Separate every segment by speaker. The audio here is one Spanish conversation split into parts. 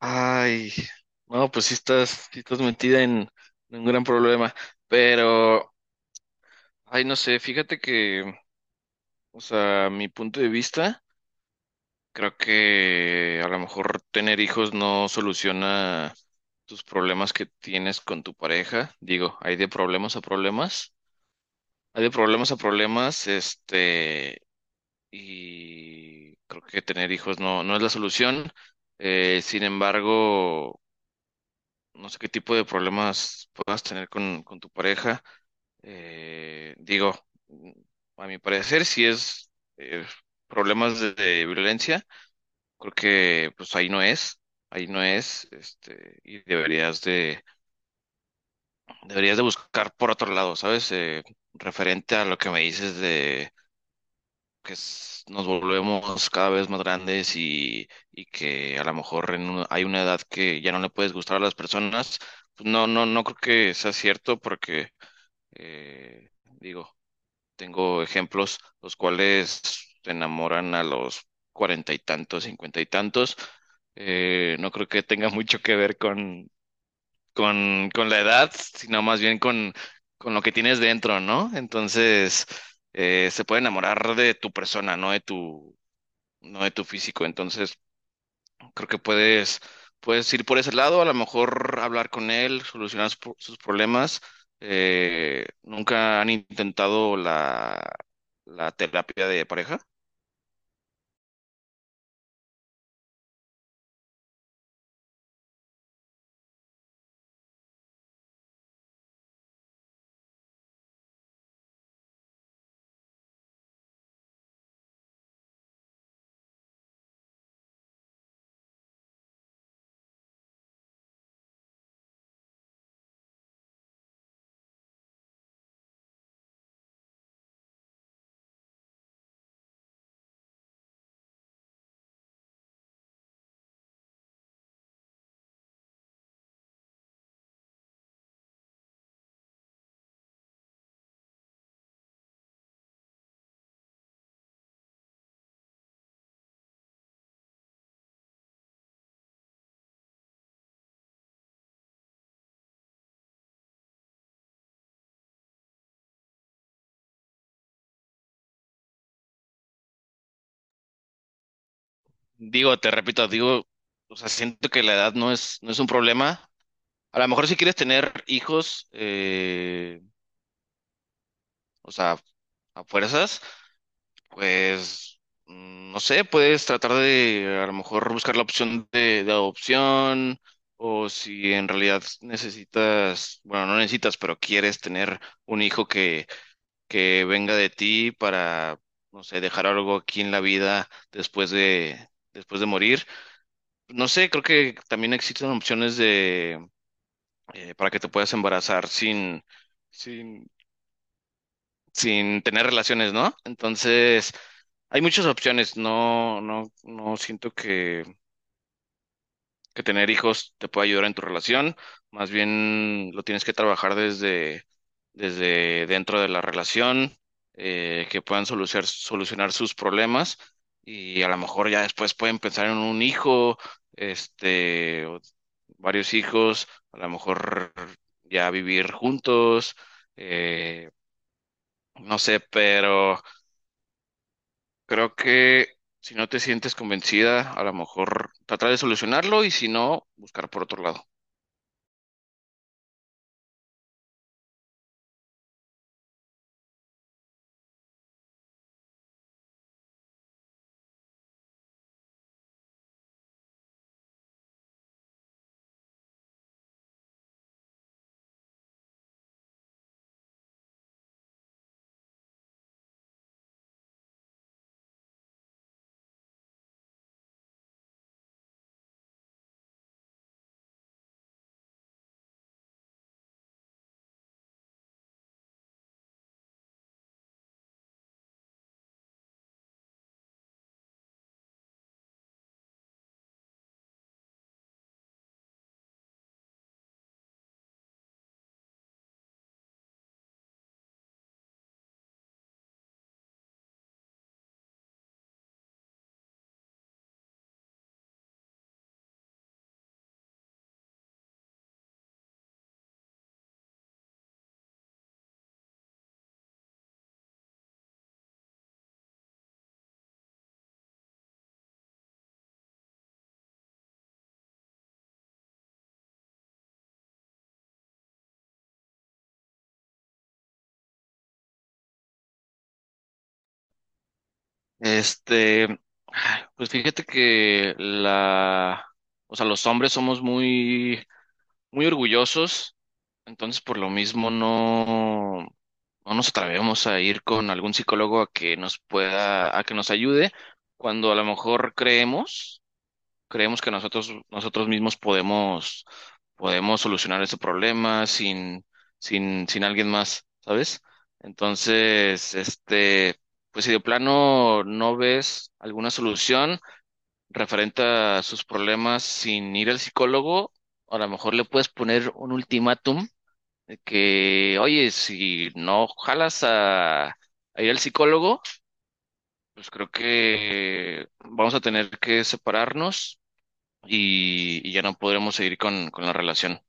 Speaker 1: Ay, no, pues sí estás metida en un gran problema, pero, ay, no sé, fíjate que, o sea, mi punto de vista, creo que a lo mejor tener hijos no soluciona tus problemas que tienes con tu pareja. Digo, hay de problemas a problemas, hay de problemas a problemas, y creo que tener hijos no, no es la solución. Sin embargo, no sé qué tipo de problemas puedas tener con tu pareja. Digo, mm, a mi parecer, si es eh, problemas de violencia, creo que pues ahí no es, y deberías de buscar por otro lado, ¿sabes? Referente a lo que me dices que nos volvemos cada vez más grandes y que a lo mejor hay una edad que ya no le puedes gustar a las personas, pues no, no, no creo que sea cierto porque, digo, tengo ejemplos los cuales se enamoran a los cuarenta y tantos, cincuenta y tantos. No creo que tenga mucho que ver con la edad, sino más bien con lo que tienes dentro, ¿no? Entonces, se puede enamorar de tu persona, no de tu físico. Entonces, creo que puedes ir por ese lado, a lo mejor hablar con él, solucionar sus problemas. ¿Nunca han intentado la terapia de pareja? Digo, te repito, digo, o sea, siento que la edad no es un problema. A lo mejor si quieres tener hijos, o sea, a fuerzas. Pues, no sé, puedes tratar de a lo mejor buscar la opción de adopción. O si en realidad necesitas, bueno, no necesitas, pero quieres tener un hijo que venga de ti para, no sé, dejar algo aquí en la vida después de morir. No sé, creo que también existen opciones para que te puedas embarazar sin sin tener relaciones, ¿no? Entonces, hay muchas opciones. No, no, no siento que tener hijos te pueda ayudar en tu relación. Más bien lo tienes que trabajar desde dentro de la relación, que puedan solucionar sus problemas y a lo mejor ya después pueden pensar en un hijo, o varios hijos, a lo mejor ya vivir juntos, eh, no sé, pero, creo que si no te sientes convencida, a lo mejor tratar de solucionarlo y si no, buscar por otro lado. Este, pues fíjate que o sea, los hombres somos muy, muy orgullosos, entonces por lo mismo no, no nos atrevemos a ir con algún psicólogo a que nos ayude cuando a lo mejor creemos que nosotros mismos podemos solucionar ese problema sin alguien más, ¿sabes? Entonces, pues si de plano no ves alguna solución referente a sus problemas sin ir al psicólogo, a lo mejor le puedes poner un ultimátum de que, oye, si no jalas a ir al psicólogo, pues creo que vamos a tener que separarnos y ya no podremos seguir con la relación.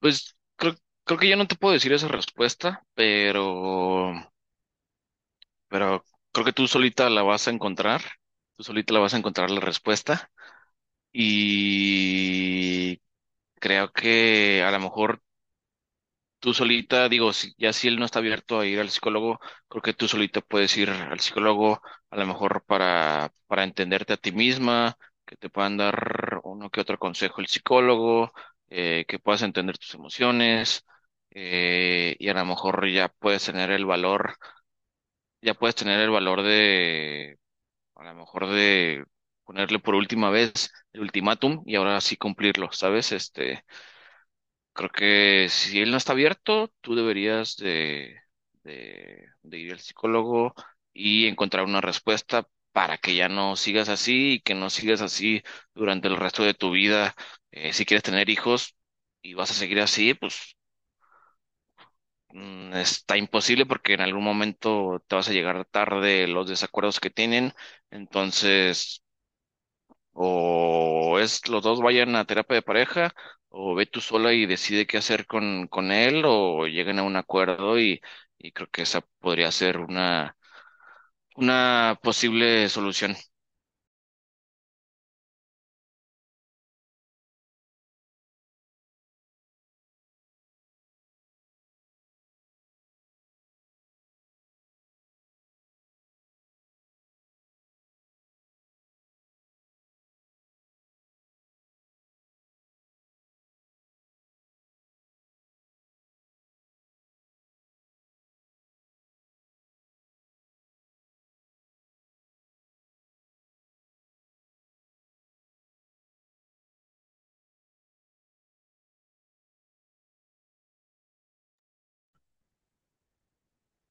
Speaker 1: Pues creo que yo no te puedo decir esa respuesta, pero creo que tú solita la vas a encontrar la respuesta y creo que a lo mejor tú solita, digo, ya si él no está abierto a ir al psicólogo, creo que tú solita puedes ir al psicólogo, a lo mejor para entenderte a ti misma, que te puedan dar uno que otro consejo el psicólogo, que puedas entender tus emociones, y a lo mejor ya puedes tener el valor de, a lo mejor de ponerle por última vez el ultimátum y ahora sí cumplirlo, ¿sabes? Creo que si él no está abierto, tú deberías de ir al psicólogo y encontrar una respuesta para que ya no sigas así y que no sigas así durante el resto de tu vida. Si quieres tener hijos y vas a seguir así, pues está imposible porque en algún momento te vas a llegar tarde los desacuerdos que tienen. Entonces o es los dos vayan a terapia de pareja, o ve tú sola y decide qué hacer con él, o lleguen a un acuerdo y creo que esa podría ser una posible solución.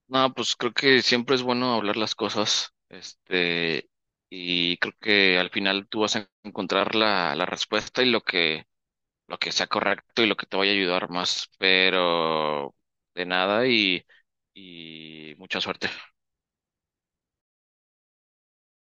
Speaker 1: No, pues creo que siempre es bueno hablar las cosas, y creo que al final tú vas a encontrar la respuesta y lo que sea correcto y lo que te vaya a ayudar más, pero de nada y mucha suerte.